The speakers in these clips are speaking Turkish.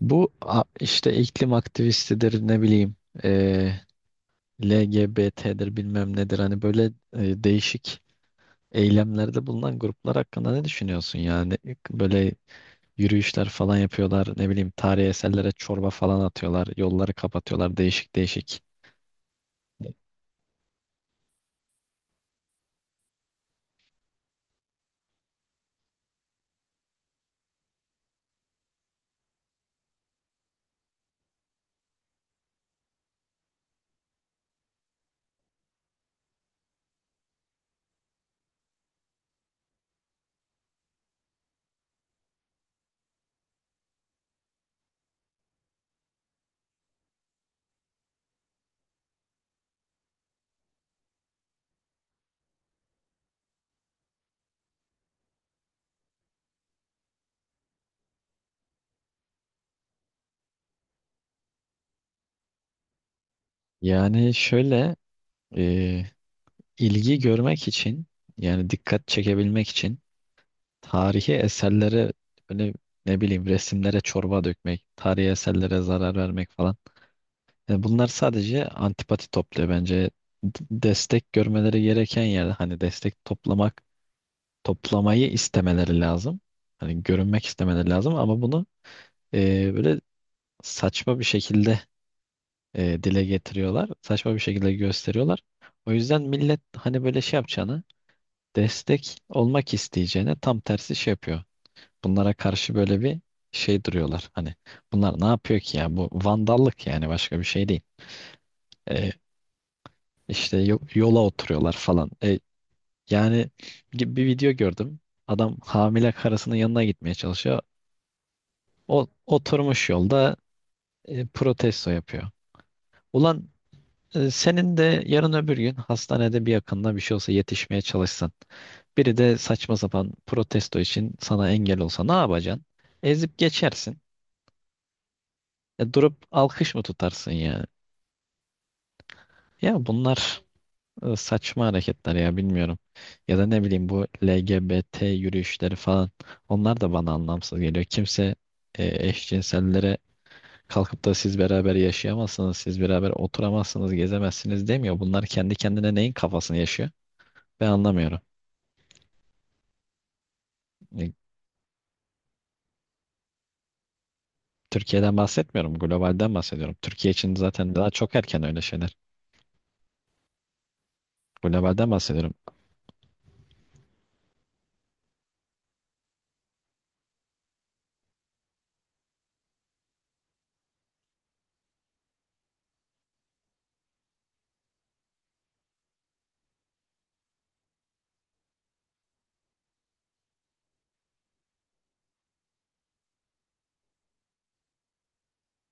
İşte iklim aktivistidir ne bileyim eee LGBT'dir bilmem nedir hani böyle değişik eylemlerde bulunan gruplar hakkında ne düşünüyorsun yani böyle yürüyüşler falan yapıyorlar ne bileyim tarihi eserlere çorba falan atıyorlar yolları kapatıyorlar değişik değişik. Yani şöyle e, ilgi görmek için yani dikkat çekebilmek için tarihi eserlere böyle ne bileyim resimlere çorba dökmek, tarihi eserlere zarar vermek falan. Bunlar sadece antipati topluyor bence. D- Destek görmeleri gereken yerde hani destek toplamak, toplamayı istemeleri lazım. Hani görünmek istemeleri lazım ama bunu böyle saçma bir şekilde dile getiriyorlar. Saçma bir şekilde gösteriyorlar. O yüzden millet hani böyle şey yapacağını, destek olmak isteyeceğine tam tersi şey yapıyor. Bunlara karşı böyle bir şey duruyorlar. Hani bunlar ne yapıyor ki ya? Bu vandallık yani başka bir şey değil. E, İşte yola oturuyorlar falan. Yani gibi bir video gördüm. Adam hamile karısının yanına gitmeye çalışıyor. O oturmuş yolda protesto yapıyor. Ulan senin de yarın öbür gün hastanede bir yakınına bir şey olsa yetişmeye çalışsan. Biri de saçma sapan protesto için sana engel olsa ne yapacaksın? Ezip geçersin. Durup alkış mı tutarsın ya? Ya bunlar saçma hareketler ya bilmiyorum. Ya da ne bileyim bu LGBT yürüyüşleri falan. Onlar da bana anlamsız geliyor. Kimse eşcinsellere kalkıp da siz beraber yaşayamazsınız, siz beraber oturamazsınız, gezemezsiniz demiyor. Bunlar kendi kendine neyin kafasını yaşıyor? Ben anlamıyorum. E, Türkiye'den bahsetmiyorum, globalden bahsediyorum. Türkiye için zaten daha çok erken öyle şeyler. Globalden bahsediyorum.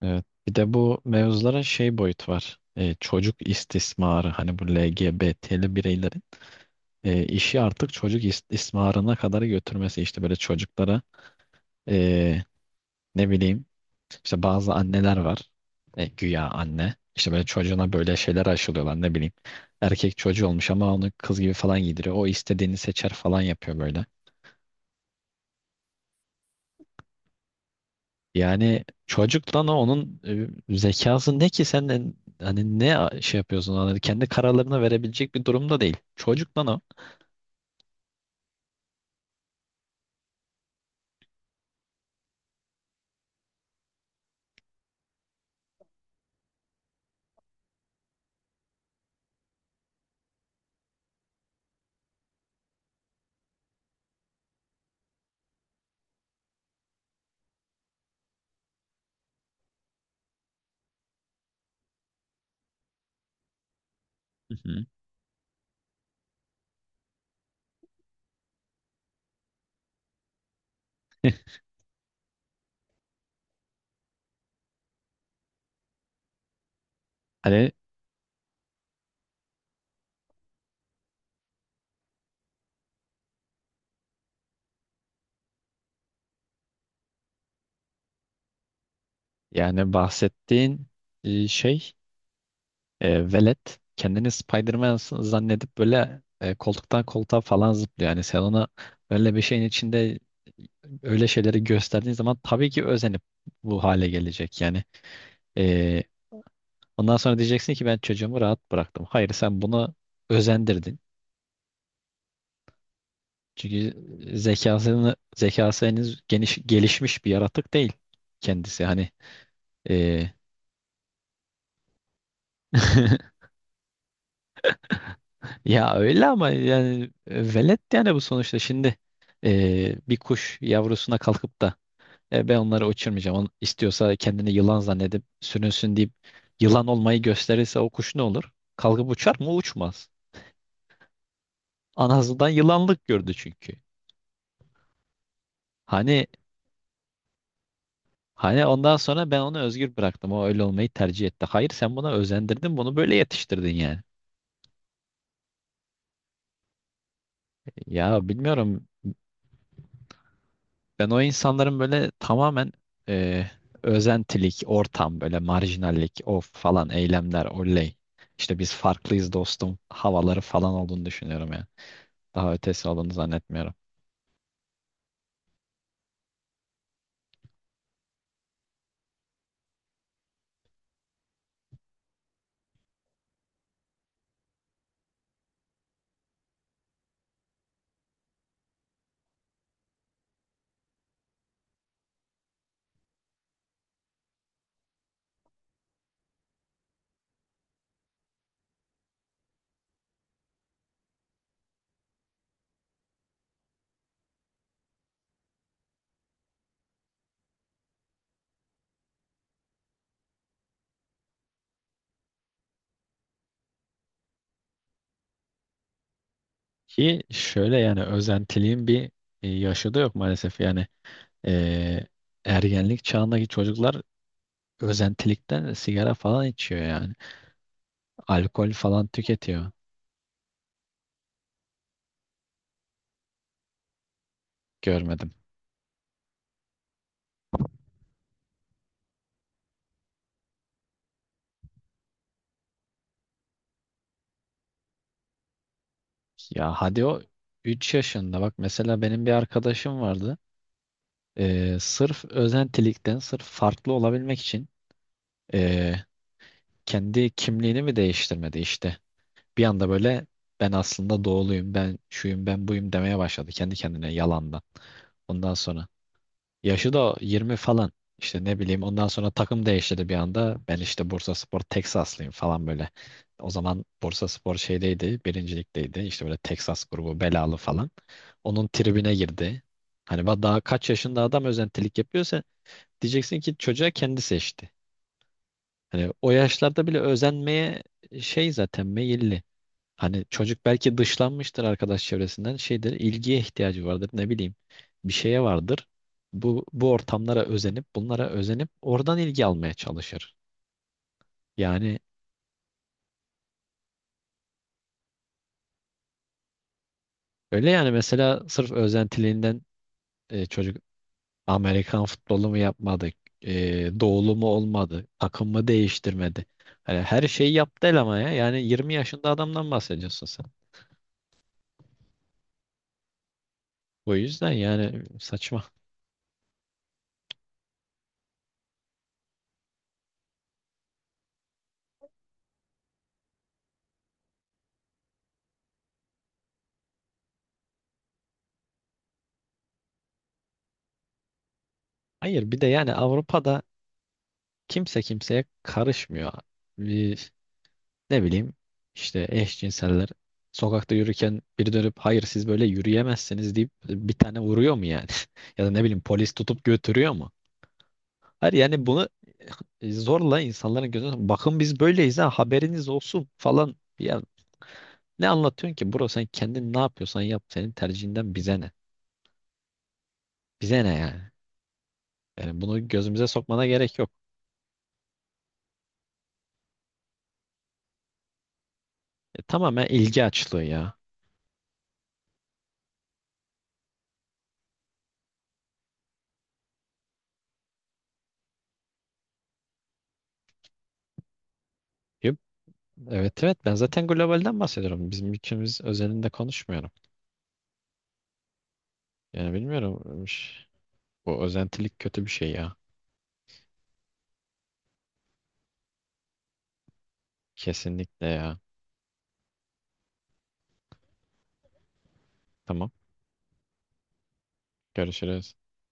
Evet. Bir de bu mevzuların şey boyutu var. Çocuk istismarı hani bu LGBT'li bireyleri işi artık çocuk istismarına kadar götürmesi işte böyle çocuklara e, ne bileyim işte bazı anneler var, güya anne işte böyle çocuğuna böyle şeyler aşılıyorlar ne bileyim erkek çocuğu olmuş ama onu kız gibi falan giydiriyor, o istediğini seçer falan yapıyor böyle. Yani çocukla ne onun zekası ne ki, sen de hani ne şey yapıyorsun, hani kendi kararlarını verebilecek bir durumda değil çocukla o. Hı hı. Hani yani bahsettiğin e, şey velet kendini Spider-Man zannedip böyle, koltuktan koltuğa falan zıplıyor. Yani sen ona öyle bir şeyin içinde öyle şeyleri gösterdiğin zaman tabii ki özenip bu hale gelecek. Yani e, ondan sonra diyeceksin ki ben çocuğumu rahat bıraktım. Hayır, sen bunu özendirdin. Çünkü zekası henüz geniş, gelişmiş bir yaratık değil kendisi. Hani e, ya öyle ama yani, velet yani bu sonuçta şimdi bir kuş yavrusuna kalkıp da ben onları uçurmayacağım. On, istiyorsa kendini yılan zannedip sürünsün" deyip yılan olmayı gösterirse o kuş ne olur? Kalkıp uçar mı? Uçmaz. Anasından yılanlık gördü çünkü. Hani hani ondan sonra ben onu özgür bıraktım, o öyle olmayı tercih etti. Hayır, sen buna özendirdin, bunu böyle yetiştirdin yani. Ya bilmiyorum, ben o insanların böyle tamamen e, özentilik, ortam, böyle marjinallik, o falan eylemler, oley. İşte biz farklıyız dostum havaları falan olduğunu düşünüyorum yani. Daha ötesi olduğunu zannetmiyorum. Ki şöyle yani özentiliğin bir yaşı da yok maalesef. Yani e, ergenlik çağındaki çocuklar özentilikten sigara falan içiyor yani. Alkol falan tüketiyor. Görmedim. Ya hadi o 3 yaşında. Bak mesela benim bir arkadaşım vardı. Sırf özentilikten, sırf farklı olabilmek için ee, kendi kimliğini mi değiştirmedi işte. Bir anda böyle, ben aslında doğuluyum, ben şuyum, ben buyum demeye başladı kendi kendine yalandan. Ondan sonra yaşı da 20 falan. İşte ne bileyim ondan sonra takım değiştirdi bir anda. Ben işte Bursaspor Teksaslıyım falan böyle. O zaman Bursaspor şeydeydi, birincilikteydi. İşte böyle Teksas grubu belalı falan. Onun tribüne girdi. Hani daha kaç yaşında adam özentilik yapıyor. Diyeceksin ki çocuğa kendi seçti. Hani o yaşlarda bile özenmeye şey zaten meyilli. Hani çocuk belki dışlanmıştır arkadaş çevresinden. Şeydir, ilgiye ihtiyacı vardır, ne bileyim. Bir şeye vardır. Bu ortamlara özenip, bunlara özenip oradan ilgi almaya çalışır. Yani öyle yani, mesela sırf özentiliğinden çocuk Amerikan futbolu mu yapmadı, doğulu mu olmadı, takım mı değiştirmedi. Hani her şeyi yaptı el ama ya. Yani 20 yaşında adamdan bahsediyorsun. O yüzden yani saçma. Hayır, bir de yani Avrupa'da kimse kimseye karışmıyor. Bir, ne bileyim, işte eşcinseller sokakta yürürken biri dönüp hayır siz böyle yürüyemezsiniz deyip bir tane vuruyor mu yani? Ya da ne bileyim polis tutup götürüyor mu? Hayır yani bunu zorla insanların gözüne, bakın biz böyleyiz ha haberiniz olsun falan. Ya ne anlatıyorsun ki bro, sen kendin ne yapıyorsan yap, senin tercihinden bize ne? Bize ne yani? Yani bunu gözümüze sokmana gerek yok. Tamamen ilgi açlığı ya. Yok, evet evet ben zaten globalden bahsediyorum. Bizim ülkemiz özelinde konuşmuyorum. Yani bilmiyorum. Bu özentilik kötü bir şey ya. Kesinlikle ya. Tamam. Görüşürüz.